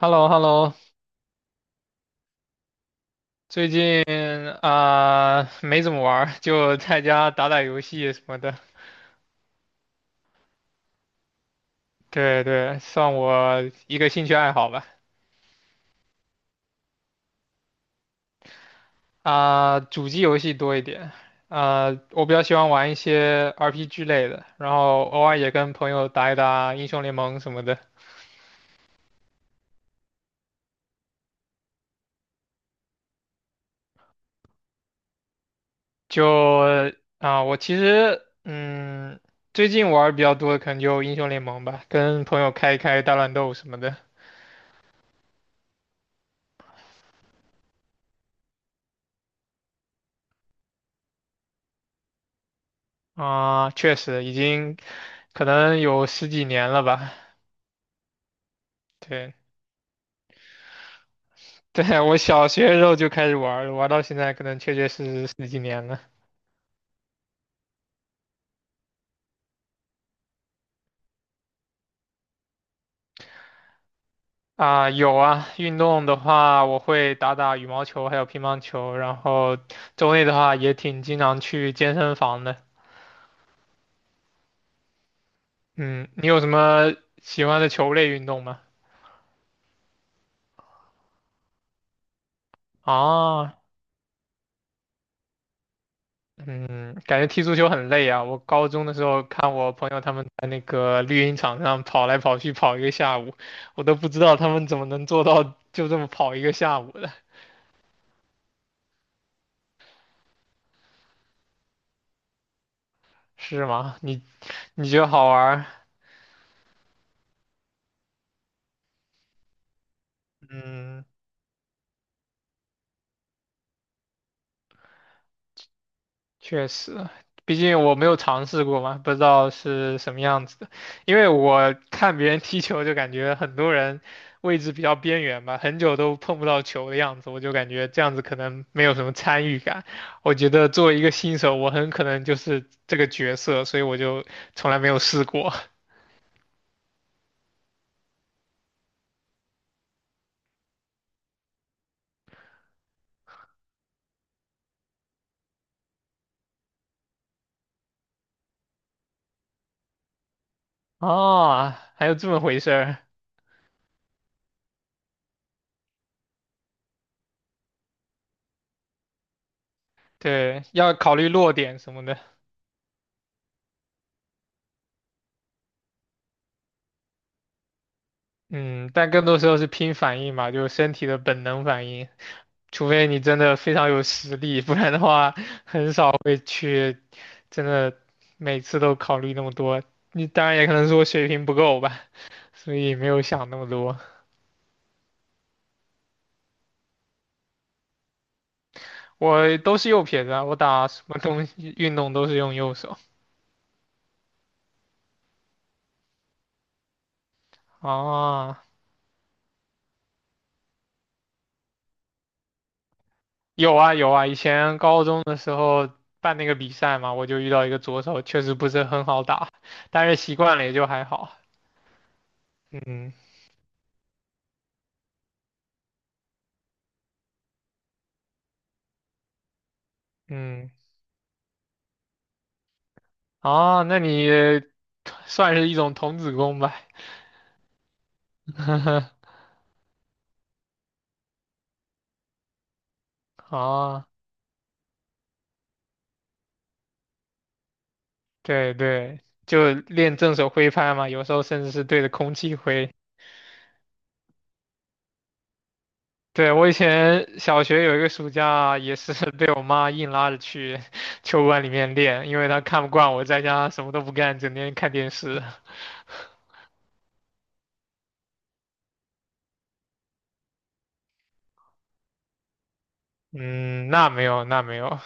h e l l o h e l l o 最近没怎么玩儿就在家打打游戏什么的。对对，算我一个兴趣爱好吧。主机游戏多一点。我比较喜欢玩一些 RPG 类的，然后偶尔也跟朋友打一打英雄联盟什么的。就我其实最近玩儿比较多的可能就英雄联盟吧，跟朋友开一开大乱斗什么的。啊，确实已经可能有十几年了吧。对，对，我小学的时候就开始玩儿了，玩到现在可能确确实实十几年了。啊，有啊，运动的话，我会打打羽毛球，还有乒乓球，然后周内的话也挺经常去健身房的。嗯，你有什么喜欢的球类运动吗？啊，嗯，感觉踢足球很累啊。我高中的时候看我朋友他们在那个绿茵场上跑来跑去跑一个下午，我都不知道他们怎么能做到就这么跑一个下午的。是吗？你觉得好玩儿嗯。确实，毕竟我没有尝试过嘛，不知道是什么样子的。因为我看别人踢球，就感觉很多人位置比较边缘吧，很久都碰不到球的样子，我就感觉这样子可能没有什么参与感。我觉得作为一个新手，我很可能就是这个角色，所以我就从来没有试过。哦，还有这么回事儿。对，要考虑落点什么的。嗯，但更多时候是拼反应嘛，就是身体的本能反应。除非你真的非常有实力，不然的话很少会去真的每次都考虑那么多。你当然也可能是我水平不够吧，所以没有想那么多。我都是右撇子啊，我打什么东西运动都是用右手啊。有啊有啊，以前高中的时候办那个比赛嘛，我就遇到一个左手，确实不是很好打，但是习惯了也就还好。嗯嗯。啊，那你算是一种童子功吧。啊，对对，就练正手挥拍嘛，有时候甚至是对着空气挥。对，我以前小学有一个暑假，也是 被我妈硬拉着去 球馆里面练，因为她看不惯我在家什么都不干，整天看电视。嗯，那没有，那没有。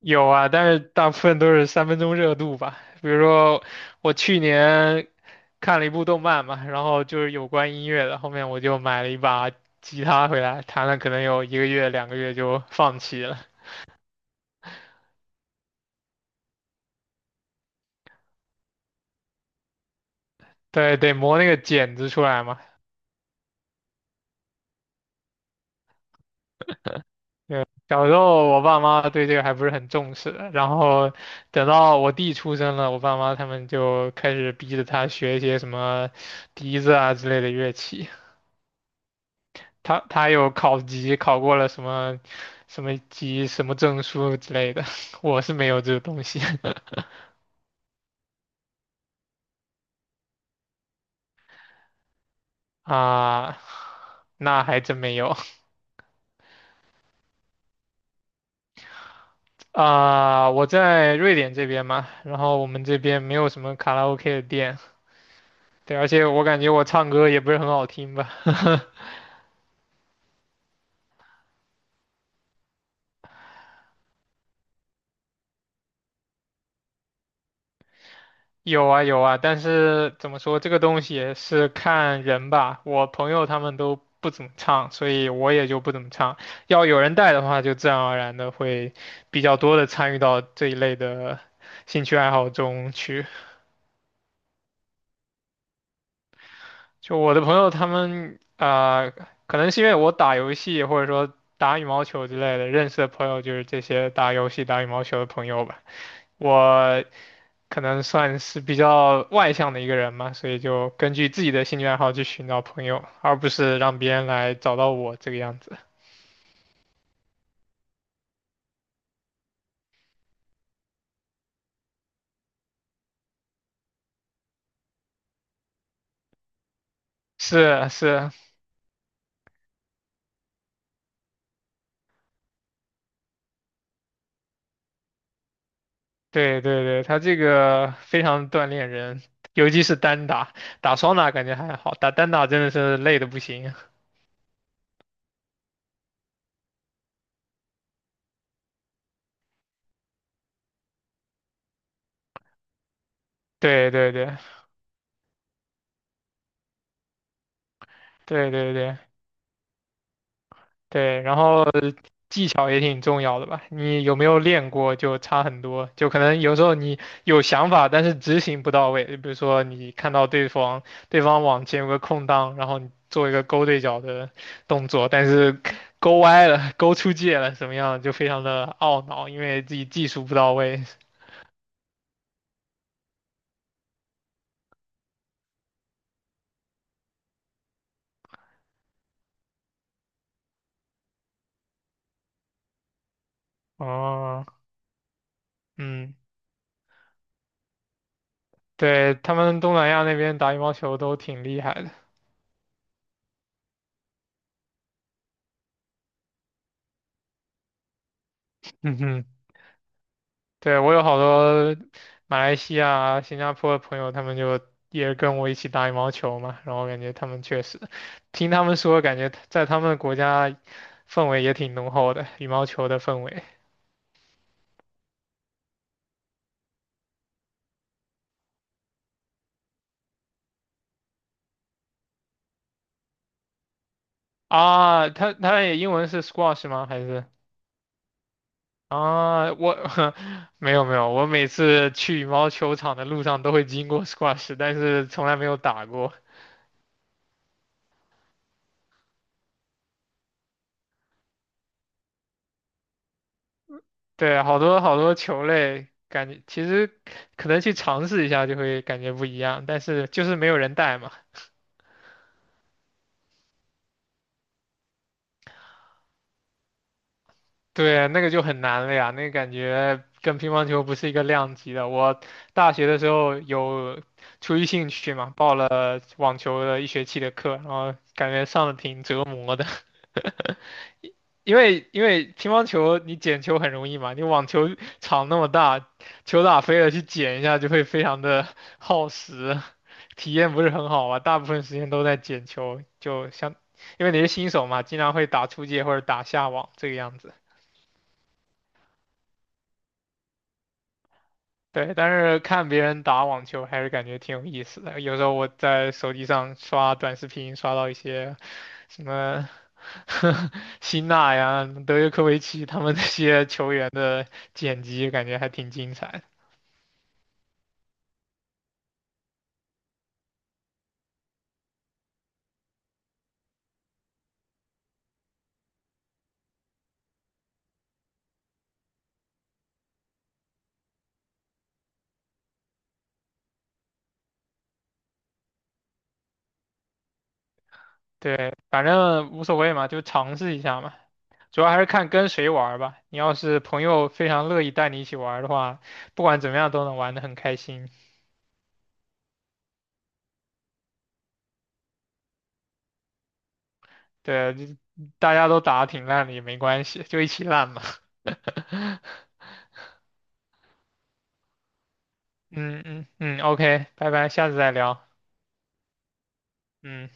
有啊，但是大部分都是三分钟热度吧。比如说，我去年看了一部动漫嘛，然后就是有关音乐的，后面我就买了一把吉他回来，弹了可能有一个月、两个月就放弃了。对，得磨那个茧子出来嘛。对，小时候我爸妈对这个还不是很重视的，然后等到我弟出生了，我爸妈他们就开始逼着他学一些什么笛子啊之类的乐器。他有考级，考过了什么什么级、什么证书之类的，我是没有这个东西。 啊，那还真没有啊。我在瑞典这边嘛，然后我们这边没有什么卡拉 OK 的店。对，而且我感觉我唱歌也不是很好听吧。有啊有啊，但是怎么说，这个东西也是看人吧。我朋友他们都不怎么唱，所以我也就不怎么唱。要有人带的话，就自然而然的会比较多的参与到这一类的兴趣爱好中去。就我的朋友他们可能是因为我打游戏或者说打羽毛球之类的，认识的朋友就是这些打游戏、打羽毛球的朋友吧。我可能算是比较外向的一个人嘛，所以就根据自己的兴趣爱好去寻找朋友，而不是让别人来找到我这个样子。是啊是啊。对对对，他这个非常锻炼人，尤其是单打，打双打感觉还好，打单打真的是累的不行。对对对对对对。对，然后技巧也挺重要的吧？你有没有练过就差很多，就可能有时候你有想法，但是执行不到位。就比如说你看到对方往前有个空档，然后你做一个勾对角的动作，但是勾歪了、勾出界了，什么样就非常的懊恼，因为自己技术不到位。哦。嗯，对，他们东南亚那边打羽毛球都挺厉害的。嗯哼。对，我有好多马来西亚、新加坡的朋友，他们就也跟我一起打羽毛球嘛，然后感觉他们确实，听他们说，感觉在他们的国家氛围也挺浓厚的，羽毛球的氛围。啊，他也英文是 squash 吗？还是啊，我 没有没有，我每次去羽毛球场的路上都会经过 squash，但是从来没有打过。对，好多好多球类，感觉其实可能去尝试一下就会感觉不一样，但是就是没有人带嘛。对，那个就很难了呀，那个感觉跟乒乓球不是一个量级的。我大学的时候有出于兴趣嘛，报了网球的一学期的课，然后感觉上的挺折磨。因为乒乓球你捡球很容易嘛，你网球场那么大，球打飞了去捡一下就会非常的 耗时，体验不是很好吧？大部分时间都在捡球，就像因为你是新手嘛，经常会打出界或者打下网这个样子。对，但是看别人打网球还是感觉挺有意思的。有时候我在手机上刷短视频，刷到一些什么 辛纳呀、德约科维奇他们那些球员的剪辑，感觉还挺精彩的。对，反正无所谓嘛，就尝试一下嘛。主要还是看跟谁玩儿吧。你要是朋友非常乐意带你一起玩儿的话，不管怎么样都能玩得很开心。对，就大家都打得挺烂的也没关系，就一起烂嘛。嗯嗯嗯，OK，拜拜，下次再聊。嗯。